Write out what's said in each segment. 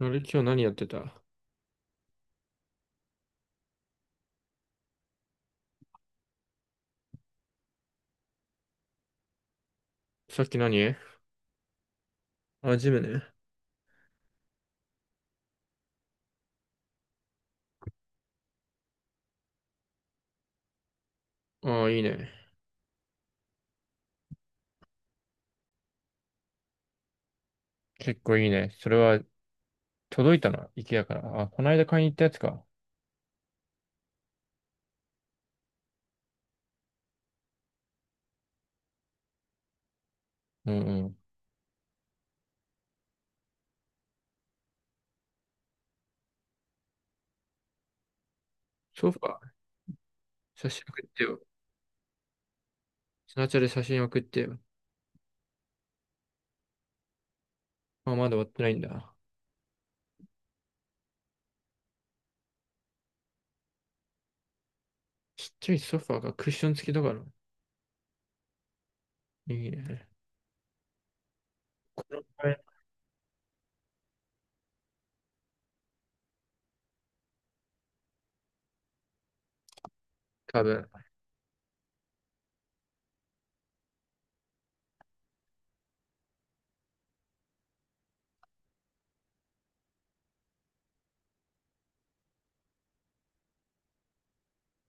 あれ、今日何やってた？さっき何？あ、ジムね。ああ、いいね。結構いいね。それは届いたな、IKEA から。あ、この間買いに行ったやつか。うんうん。ソファー、写真送ってよ。スナチャで写真送ってよ。あ、まだ終わってないんだ。ちっちゃいソファーがクッション付きだから。いいね。この前、多分、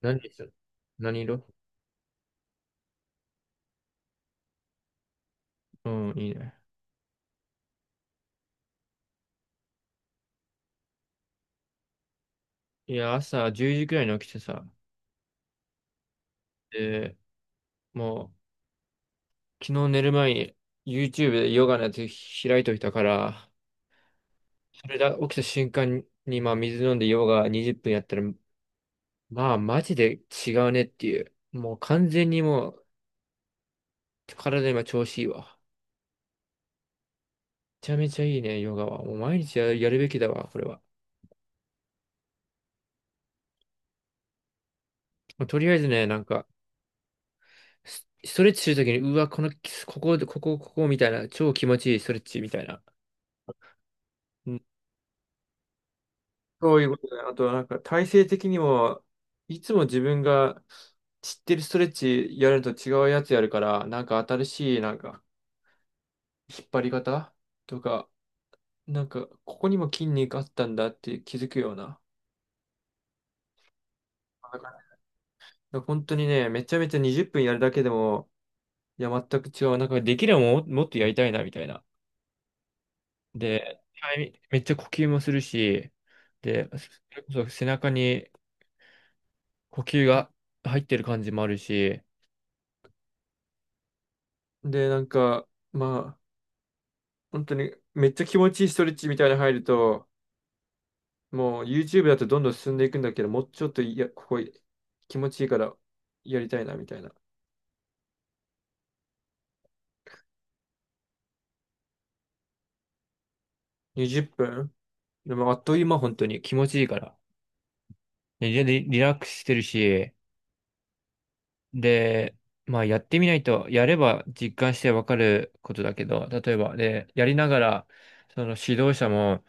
何にする？何色？うん、いいね。いや、朝10時くらいに起きてさ。で、もう、昨日寝る前に YouTube でヨガのやつ開いといたから、それだ、起きた瞬間に、まあ、水飲んでヨガ20分やったら、まあ、マジで違うねっていう。もう完全にもう、体今調子いいわ。めちゃめちゃいいね、ヨガは。もう毎日やる、やるべきだわ、これは。もうとりあえずね、ストレッチするときに、うわ、こ、ここみたいな、超気持ちいいストレッチみたいな。うん、そういうことね。あと、なんか、体勢的にも、いつも自分が知ってるストレッチやると違うやつやるから、なんか新しい、なんか、引っ張り方とか、なんか、ここにも筋肉あったんだって気づくような。だから本当にね、めちゃめちゃ20分やるだけでも、いや、全く違う。なんか、できればもう、もっとやりたいな、みたいな。で、タイミめっちゃ呼吸もするし、で、それこそ背中に呼吸が入ってる感じもあるし、で、なんか、まあ、本当にめっちゃ気持ちいいストレッチみたいなの入ると、もう YouTube だとどんどん進んでいくんだけど、もうちょっといや、ここ気持ちいいからやりたいなみたいな。20分でもあっという間、本当に気持ちいいから。でリラックスしてるし、で、まあやってみないと、やれば実感してわかることだけど、例えば、で、やりながら、その指導者も、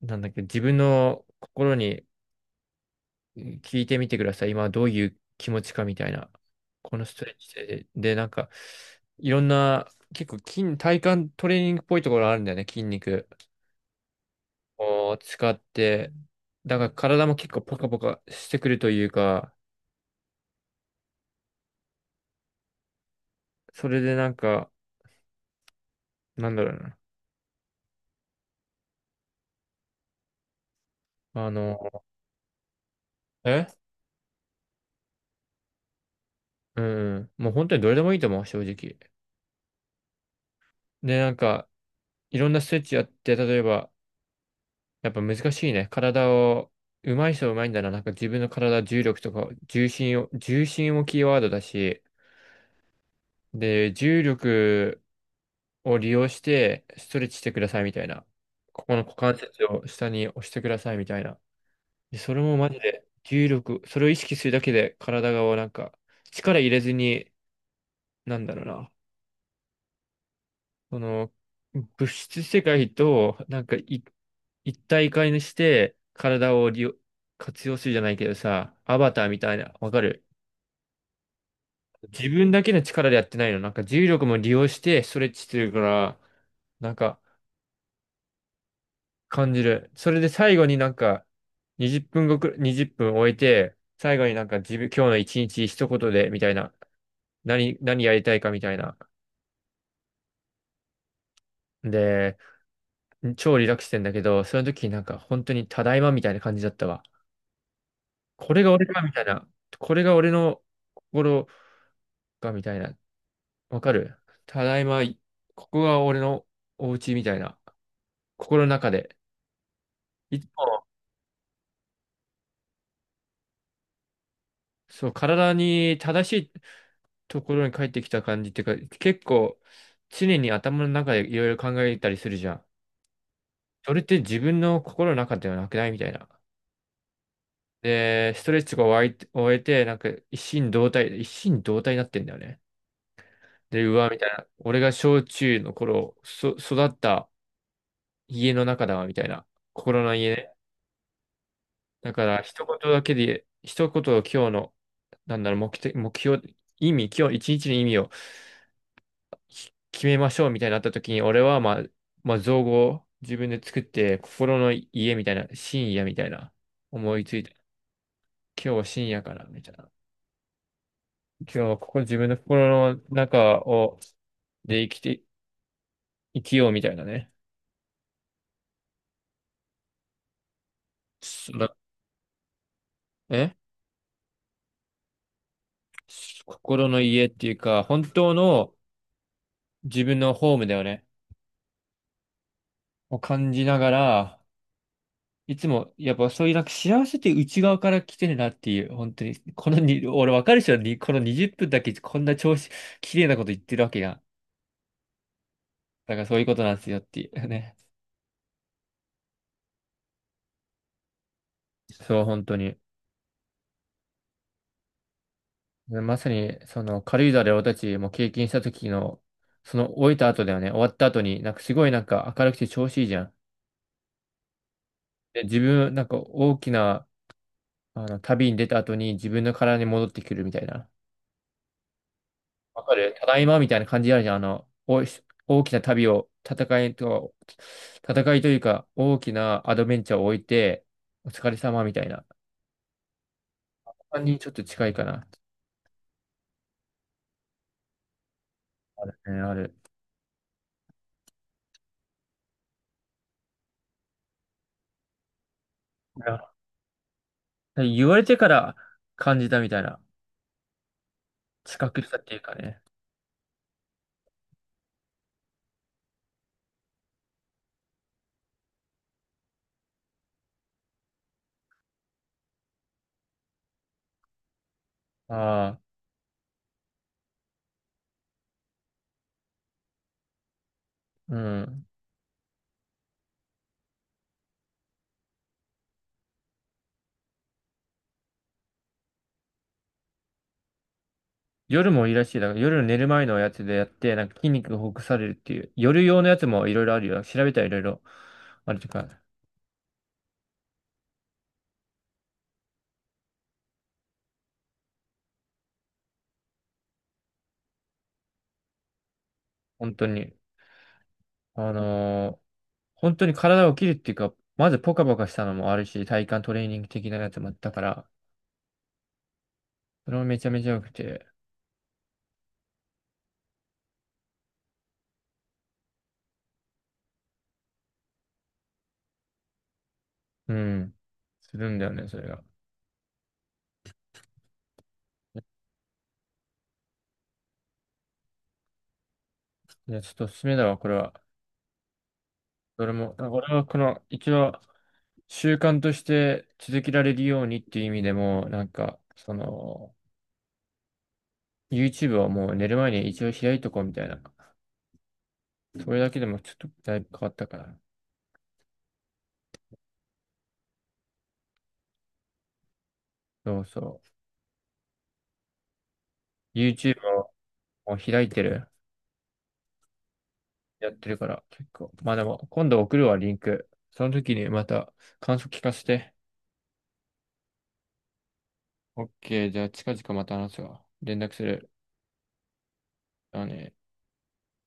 なんだっけ、自分の心に聞いてみてください。今どういう気持ちかみたいな。このストレッチで、で、なんか、いろんな、結構体幹トレーニングっぽいところあるんだよね、筋肉を使って。だから体も結構ポカポカしてくるというか、それでなんか、なんだろうな。あの、えうん。もう本当にどれでもいいと思う、正直。で、なんか、いろんなストレッチやって、例えば、やっぱ難しいね。体を、上手い人は上手いんだな。なんか自分の体、重力とか、重心をキーワードだし、で、重力を利用して、ストレッチしてくださいみたいな。ここの股関節を下に押してくださいみたいな。で、それもマジで、重力、それを意識するだけで、体がなんか、力入れずに、なんだろうな。その、物質世界と、なんかい、一体化にして、体を利用、活用するじゃないけどさ、アバターみたいな、わかる？自分だけの力でやってないの。なんか重力も利用してストレッチしてるから、なんか感じる。それで最後になんか、20分ごくらい、分終えて、最後になんか自分、今日の一日一言で、みたいな。何やりたいかみたいな。で、超リラックスしてんだけど、その時なんか本当にただいまみたいな感じだったわ。これが俺かみたいな。これが俺の心かみたいな。わかる？ただいま、ここが俺のお家みたいな。心の中で。いつも、そう、体に正しいところに帰ってきた感じっていうか、結構常に頭の中でいろいろ考えたりするじゃん。それって自分の心の中ではなくないみたいな。で、ストレッチが終えて、一心同体になってんだよね。で、うわ、みたいな。俺が小中の頃、育った家の中だわ、みたいな。心の家ね。だから、一言だけで、一言を今日の、なんだろう、目標、意味、今日一日の意味を決めましょう、みたいになった時に、俺は、まあ、造語を自分で作って、心の家みたいな、深夜みたいな、思いついて、今日は深夜かな、みたいな。今日はここ自分の心の中を、で生きて、生きようみたいなね。そのえ心の家っていうか、本当の自分のホームだよね。を感じながら、いつも、やっぱそういうなんか幸せって内側から来てるなっていう、本当に、このに、俺わかるでしょ、にこの20分だけこんな調子、綺麗なこと言ってるわけが。だからそういうことなんですよっていうね。そう、本当に。まさに、その軽井沢で俺たちも経験した時の、その終えた後だよね、終わった後に、なんかすごいなんか明るくて調子いいじゃん。で、自分、なんか大きな、あの、旅に出た後に自分の体に戻ってくるみたいな。わかる。ただいまみたいな感じあるじゃん。あの、おい大きな旅を、戦いというか、大きなアドベンチャーを置いて、お疲れ様みたいな感じにちょっと近いかな。あるね、ある。いや、言われてから感じたみたいな。近くしたっていうかね。ああ、うん。夜もいいらしい。だから夜寝る前のやつでやって、なんか筋肉がほぐされるっていう。夜用のやつもいろいろあるよ。調べたらいろいろあるとか、本当に。あのー本当に体を切るっていうか、まずポカポカしたのもあるし、体幹トレーニング的なやつもあったから、それもめちゃめちゃ良くて、うん、するんだよね、それが。いや、ちょっとおすすめだわ、これは。俺も、あ俺はこの、一応、習慣として続けられるようにっていう意味でも、なんか、その、YouTube をもう寝る前に一応開いとこうみたいな。それだけでもちょっとだいぶ変わったから。そうそう。YouTube をもう開いてる。やってるから、結構。まあでも、今度送るわ、リンク。その時にまた感想聞かせて。オッケー、じゃあ近々また話すわ。連絡する。あのね。